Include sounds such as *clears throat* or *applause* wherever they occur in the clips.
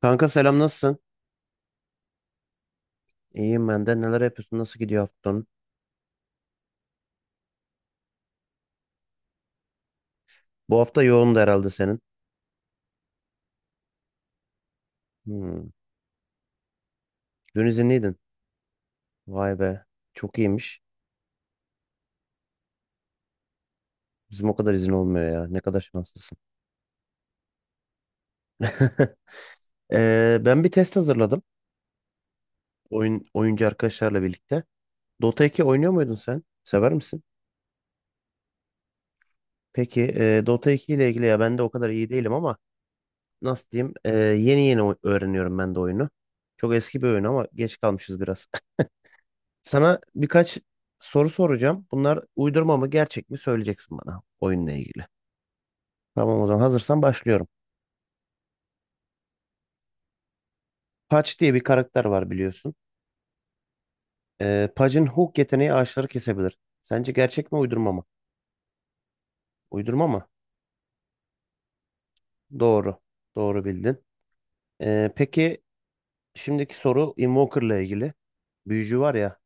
Kanka selam, nasılsın? İyiyim ben de. Neler yapıyorsun? Nasıl gidiyor haftan? Bu hafta yoğundu herhalde senin. Hmm. Dün izinliydin. Vay be. Çok iyiymiş. Bizim o kadar izin olmuyor ya. Ne kadar şanslısın. *laughs* Ben bir test hazırladım. Oyuncu arkadaşlarla birlikte. Dota 2 oynuyor muydun sen? Sever misin? Peki Dota 2 ile ilgili ya ben de o kadar iyi değilim ama nasıl diyeyim? Yeni yeni öğreniyorum ben de oyunu. Çok eski bir oyun ama geç kalmışız biraz. *laughs* Sana birkaç soru soracağım. Bunlar uydurma mı gerçek mi söyleyeceksin bana oyunla ilgili. Tamam, o zaman hazırsan başlıyorum. Patch diye bir karakter var biliyorsun. Patch'in hook yeteneği ağaçları kesebilir. Sence gerçek mi uydurma mı? Uydurma mı? Doğru. Doğru bildin. Peki şimdiki soru Invoker'la ilgili. Büyücü var ya.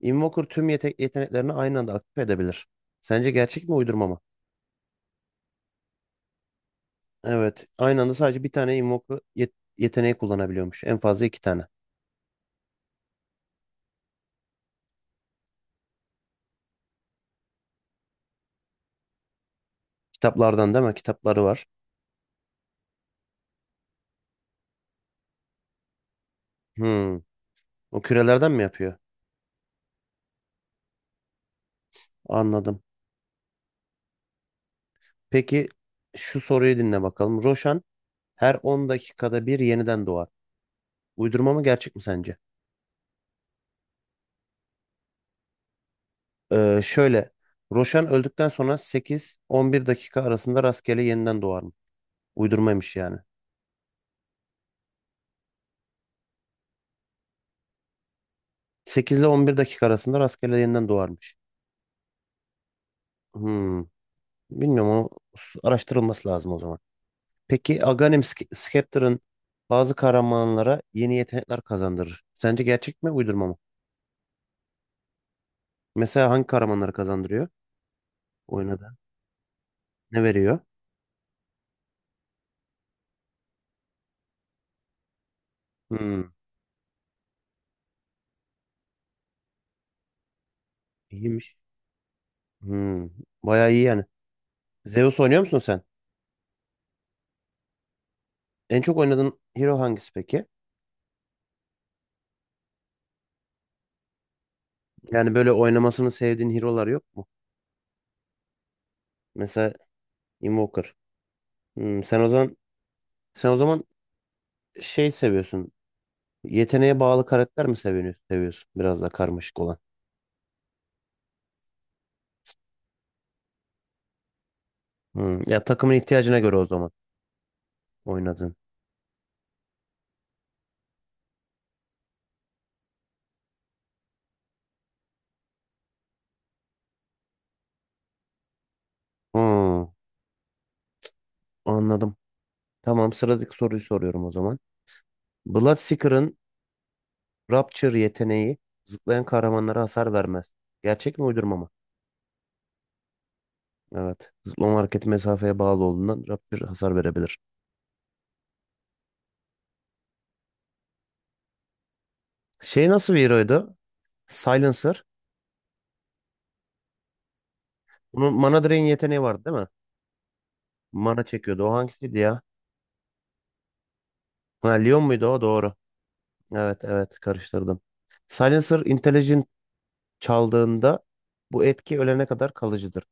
Invoker tüm yeteneklerini aynı anda aktif edebilir. Sence gerçek mi uydurma mı? Evet. Aynı anda sadece bir tane Invoker yeteneği kullanabiliyormuş. En fazla iki tane. Kitaplardan değil mi? Kitapları var. Hmm. O kürelerden mi yapıyor? Anladım. Peki şu soruyu dinle bakalım. Roşan her 10 dakikada bir yeniden doğar. Uydurma mı gerçek mi sence? Şöyle. Roşan öldükten sonra 8-11 dakika arasında rastgele yeniden doğar mı? Uydurmaymış yani. 8 ile 11 dakika arasında rastgele yeniden doğarmış. Hmm. Bilmiyorum, o araştırılması lazım o zaman. Peki Aghanim Scepter'ın bazı kahramanlara yeni yetenekler kazandırır. Sence gerçek mi, uydurma mı? Mesela hangi kahramanları kazandırıyor oynadı? Ne veriyor? Hmm, iyiymiş. Hmm, bayağı iyi yani. Zeus oynuyor musun sen? En çok oynadığın hero hangisi peki? Yani böyle oynamasını sevdiğin hero'lar yok mu? Mesela Invoker. Hmm, sen o zaman sen o zaman şey seviyorsun. Yeteneğe bağlı karakter mi seviyorsun? Seviyorsun biraz da karmaşık olan. Hmm, ya takımın ihtiyacına göre o zaman oynadığın. Hmm. Anladım. Tamam, sıradaki soruyu soruyorum o zaman. Bloodseeker'ın Rapture yeteneği zıplayan kahramanlara hasar vermez. Gerçek mi uydurma mı? Evet. Zıplama hareketi mesafeye bağlı olduğundan Rapture hasar verebilir. Şey nasıl bir heroydu? Silencer. Bunun Mana Drain yeteneği vardı değil mi? Mana çekiyordu. O hangisiydi ya? Ha, Leon muydu o? Doğru. Evet evet, karıştırdım. Silencer Intelligent çaldığında bu etki ölene kadar kalıcıdır.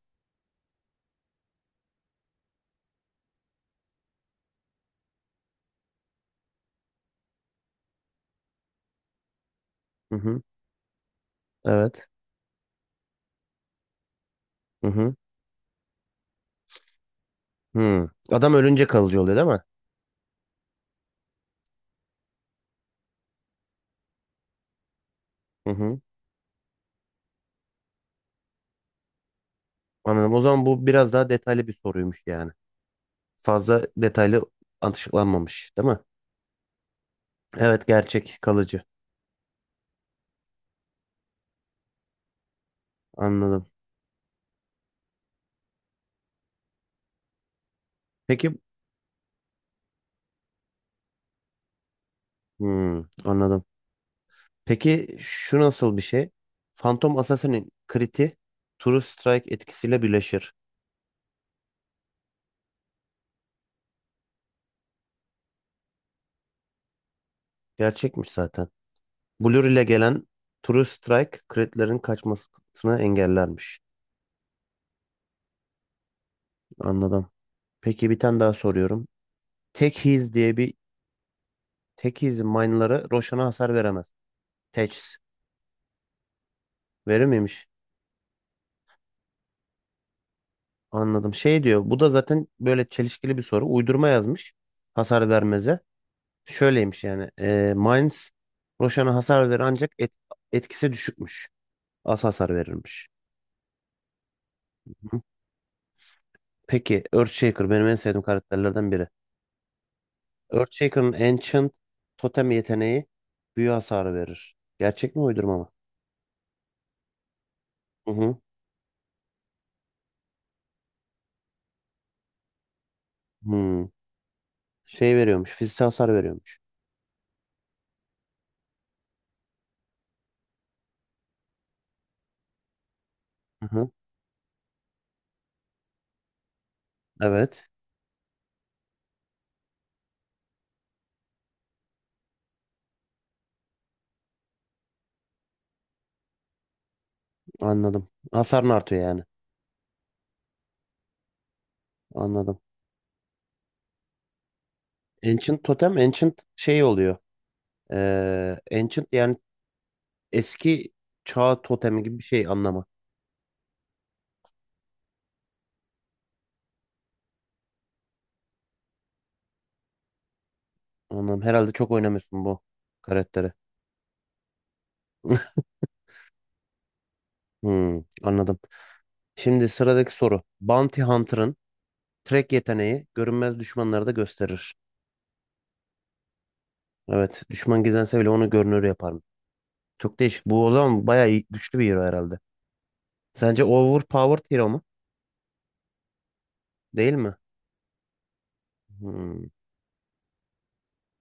Hı hı. Evet. Hı hı. Hı. Adam ölünce kalıcı oluyor değil mi? Hı hı. Anladım. O zaman bu biraz daha detaylı bir soruymuş yani. Fazla detaylı açıklanmamış, değil mi? Evet, gerçek, kalıcı. Anladım. Peki, hmm, anladım. Peki şu nasıl bir şey? Phantom Assassin'in kriti True Strike etkisiyle birleşir. Gerçekmiş zaten. Blur ile gelen True Strike kritlerin kaçmasını engellermiş. Anladım. Peki bir tane daha soruyorum. Tek His diye bir Tek His'in mine'ları Roshan'a hasar veremez. Teçhiz. Verir miymiş? Anladım. Şey diyor. Bu da zaten böyle çelişkili bir soru. Uydurma yazmış. Hasar vermeze. Şöyleymiş yani. Mainz Roşan'a hasar verir ancak etkisi düşükmüş. Az hasar verirmiş. Hı. Peki Earthshaker benim en sevdiğim karakterlerden biri. Earthshaker'ın Ancient Totem yeteneği büyü hasarı verir. Gerçek mi uydurma mı? Hı hı. Hı. Şey veriyormuş. Fiziksel hasar veriyormuş. Hı hı. Evet. Anladım. Hasarın artıyor yani. Anladım. Ancient Totem Ancient şey oluyor. Ancient yani eski çağ totemi gibi bir şey anlamı. Anladım. Herhalde çok oynamıyorsun bu karakteri. *laughs* Hmm, anladım. Şimdi sıradaki soru. Bounty Hunter'ın track yeteneği görünmez düşmanları da gösterir. Evet, düşman gizlense bile onu görünür yapar mı? Çok değişik. Bu o zaman bayağı güçlü bir hero herhalde. Sence overpowered hero mu? Değil mi? Hmm,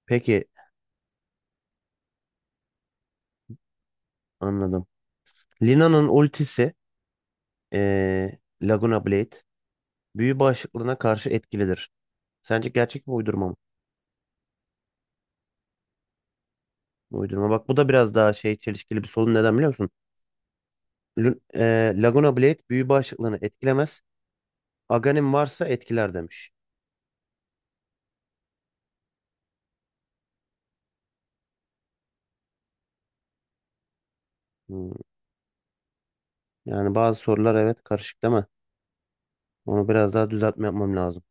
peki, anladım. Lina'nın ultisi Laguna Blade büyü bağışıklığına karşı etkilidir. Sence gerçek mi uydurma mı? Uydurma. Bak, bu da biraz daha şey çelişkili bir sorun. Neden biliyor musun? Laguna Blade büyü bağışıklığını etkilemez. Aghanim varsa etkiler demiş. Hmm, yani bazı sorular evet karışık değil mi? Onu biraz daha düzeltme yapmam lazım.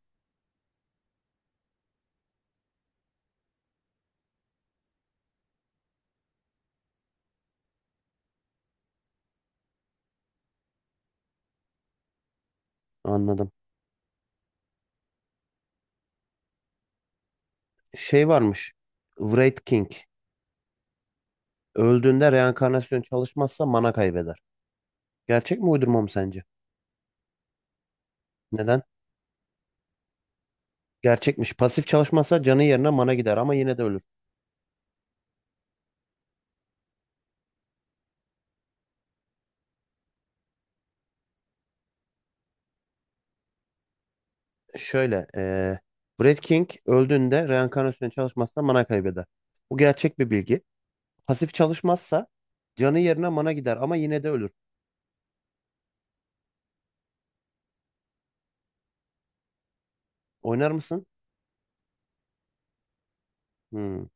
Anladım. Şey varmış. Wraith King. Öldüğünde reenkarnasyon çalışmazsa mana kaybeder. Gerçek mi uydurma mı sence? Neden? Gerçekmiş. Pasif çalışmazsa canı yerine mana gider ama yine de ölür. Şöyle, Brad King öldüğünde reenkarnasyona çalışmazsa mana kaybeder. Bu gerçek bir bilgi. Pasif çalışmazsa canı yerine mana gider ama yine de ölür. Oynar mısın? Hmm.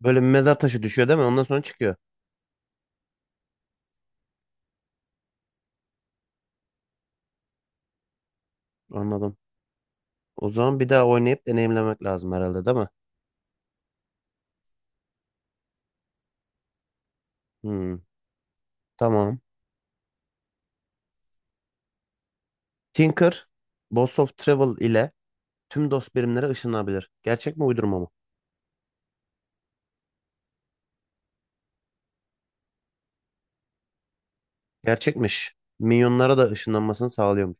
Böyle bir mezar taşı düşüyor değil mi? Ondan sonra çıkıyor. Anladım. O zaman bir daha oynayıp deneyimlemek lazım herhalde değil mi? Hmm. Tamam. Tinker, Boss of Travel ile tüm dost birimlere ışınlanabilir. Gerçek mi uydurma mı? Gerçekmiş. Minyonlara da ışınlanmasını sağlıyormuş.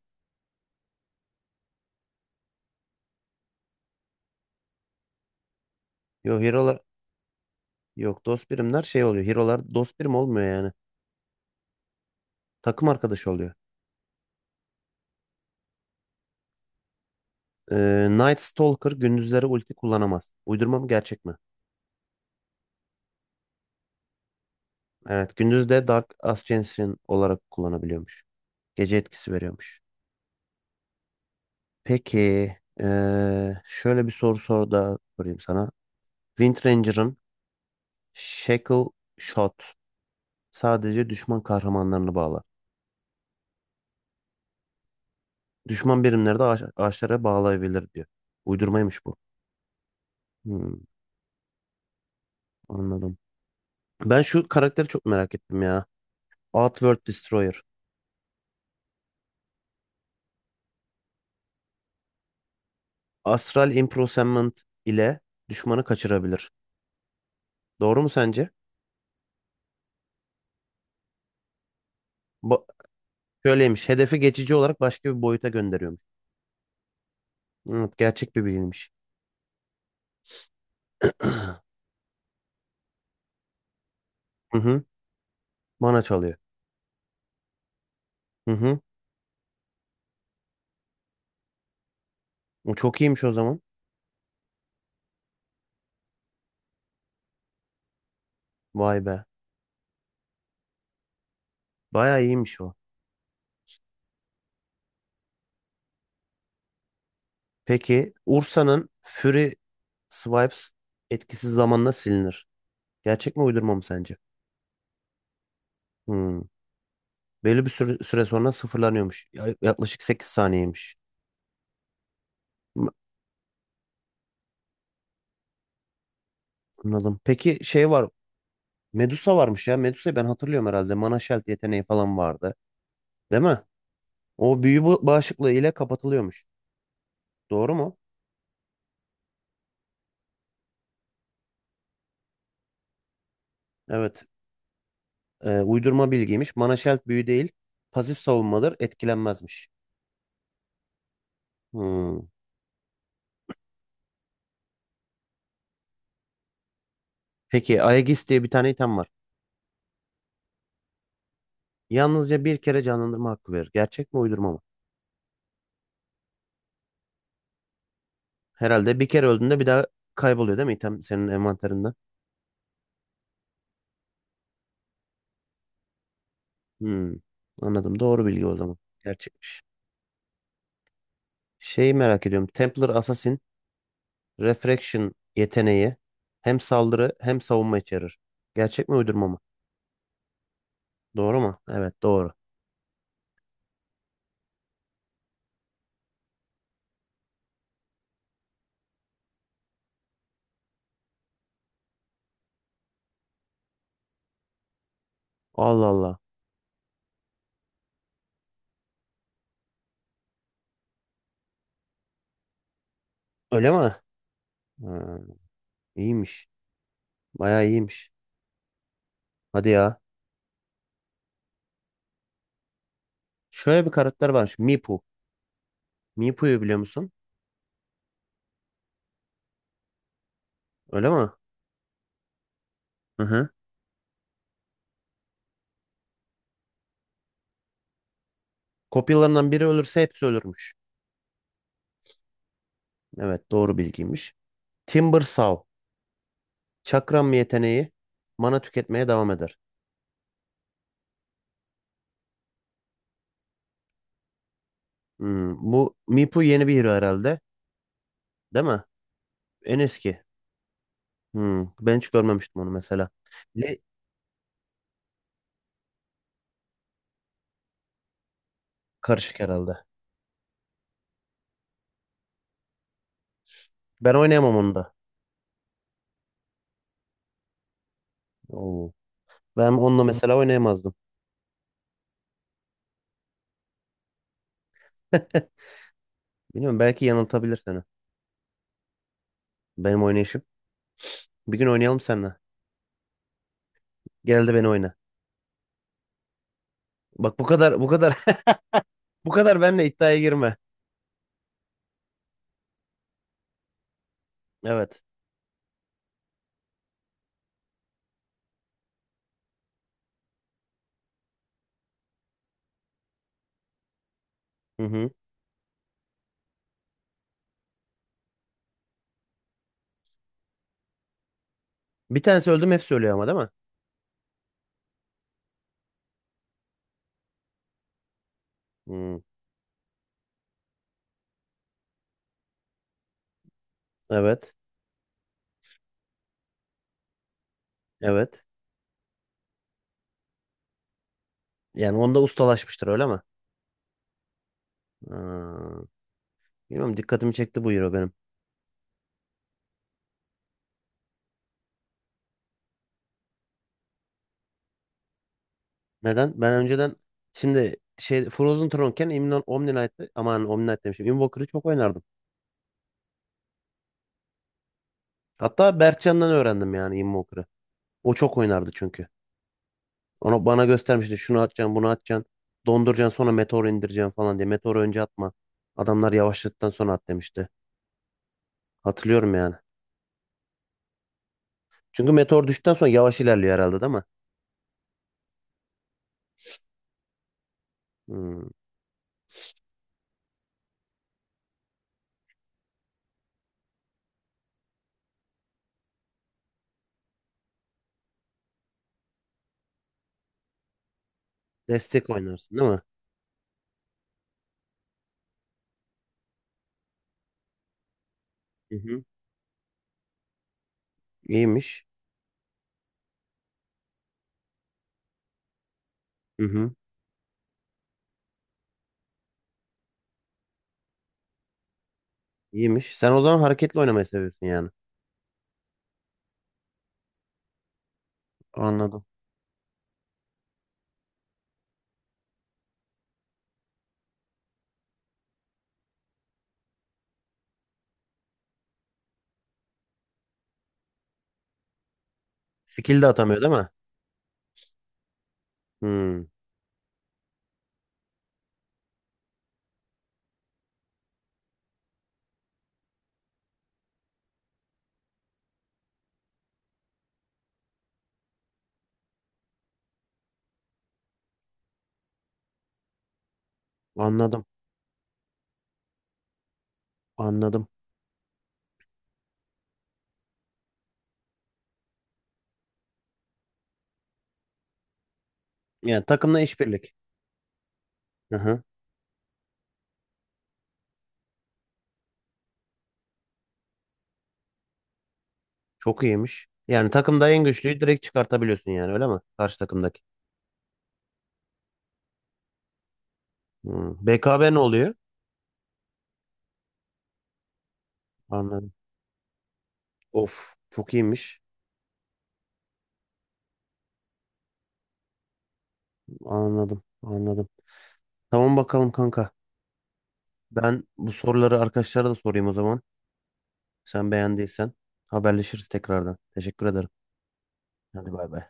Yok, yok dost birimler şey oluyor. Hero'lar dost birim olmuyor yani. Takım arkadaşı oluyor. Night Stalker gündüzleri ulti kullanamaz. Uydurma mı gerçek mi? Evet, gündüzde Dark Ascension olarak kullanabiliyormuş. Gece etkisi veriyormuş. Peki, şöyle bir soru sor da sorayım sana. Wind Ranger'ın Shackle Shot sadece düşman kahramanlarını bağlar. Düşman birimleri de ağaçlara bağlayabilir diyor. Uydurmaymış bu. Hmm, anladım. Ben şu karakteri çok merak ettim ya. Outworld Destroyer. Astral Imprisonment ile düşmanı kaçırabilir. Doğru mu sence? Ba şöyleymiş. Hedefi geçici olarak başka bir boyuta gönderiyormuş. Evet, gerçek bir bilgiymiş. *clears throat* Hı hı. Mana çalıyor. Hı hı. O çok iyiymiş o zaman. Vay be. Bayağı iyiymiş o. Peki Ursa'nın Fury Swipes etkisiz zamanla silinir. Gerçek mi uydurma mı sence? Hmm. Belli bir süre sonra sıfırlanıyormuş. Yaklaşık 8 saniyeymiş. M- Anladım. Peki şey var. Medusa varmış ya. Medusa'yı ben hatırlıyorum herhalde. Mana Sheld yeteneği falan vardı. Değil mi? O büyü bağışıklığı ile kapatılıyormuş. Doğru mu? Evet. Uydurma bilgiymiş. Mana Sheld büyü değil. Pasif savunmadır. Etkilenmezmiş. Hmm. Peki Aegis diye bir tane item var. Yalnızca bir kere canlandırma hakkı verir. Gerçek mi uydurma mı? Herhalde bir kere öldüğünde bir daha kayboluyor değil mi item senin envanterinden? Hmm. Anladım. Doğru bilgi o zaman. Gerçekmiş. Şeyi merak ediyorum. Templar Assassin Refraction yeteneği hem saldırı hem savunma içerir. Gerçek mi uydurma mı? Doğru mu? Evet doğru. Allah Allah. Öyle mi? Ha, iyiymiş. Bayağı iyiymiş. Hadi ya. Şöyle bir karakter varmış. Mipu. Mipu'yu biliyor musun? Öyle mi? Hı hı. Kopyalarından biri ölürse hepsi ölürmüş. Evet, doğru bilgiymiş. Timber Saw. Çakram yeteneği mana tüketmeye devam eder. Hmm, bu Mipu yeni bir hero herhalde. Değil mi? En eski. Hmm, ben hiç görmemiştim onu mesela. Le- Karışık herhalde. Ben oynayamam onu da. Oo. Ben onunla mesela oynayamazdım. *laughs* Bilmiyorum, belki yanıltabilir seni. Benim oynayışım. Bir gün oynayalım seninle. Gel de beni oyna. Bak, bu kadar *laughs* bu kadar benle iddiaya girme. Evet. Hı hı. Bir tanesi öldüm hepsi ölüyor ama değil mi? Hı. Evet. Evet. Yani onda ustalaşmıştır öyle mi? Hı. Bilmiyorum, dikkatimi çekti bu hero benim. Neden? Ben önceden şimdi şey Frozen Throne'ken Imnon Omni Knight'ı aman Omni Knight demişim. Invoker'ı çok oynardım. Hatta Berkcan'dan öğrendim yani Invoker'ı. O çok oynardı çünkü. Ona bana göstermişti, şunu atacaksın bunu atacaksın. Donduracaksın sonra meteor indireceksin falan diye. Meteoru önce atma. Adamlar yavaşladıktan sonra at demişti. Hatırlıyorum yani. Çünkü meteor düştükten sonra yavaş ilerliyor herhalde değil mi? Hmm. Destek oynarsın değil mi? Hı hı. İyiymiş. Hı hı. İyiymiş. Sen o zaman hareketli oynamayı seviyorsun yani. Anladım. Skill de atamıyor değil mi? Hmm. Anladım. Anladım. Yani takımla işbirlik. Hı hı. Çok iyiymiş. Yani takımda en güçlüyü direkt çıkartabiliyorsun yani öyle mi? Karşı takımdaki. Hmm. BKB ne oluyor? Anladım. Of, çok iyiymiş. Anladım, anladım. Tamam bakalım kanka. Ben bu soruları arkadaşlara da sorayım o zaman. Sen beğendiysen haberleşiriz tekrardan. Teşekkür ederim. Hadi bay bay.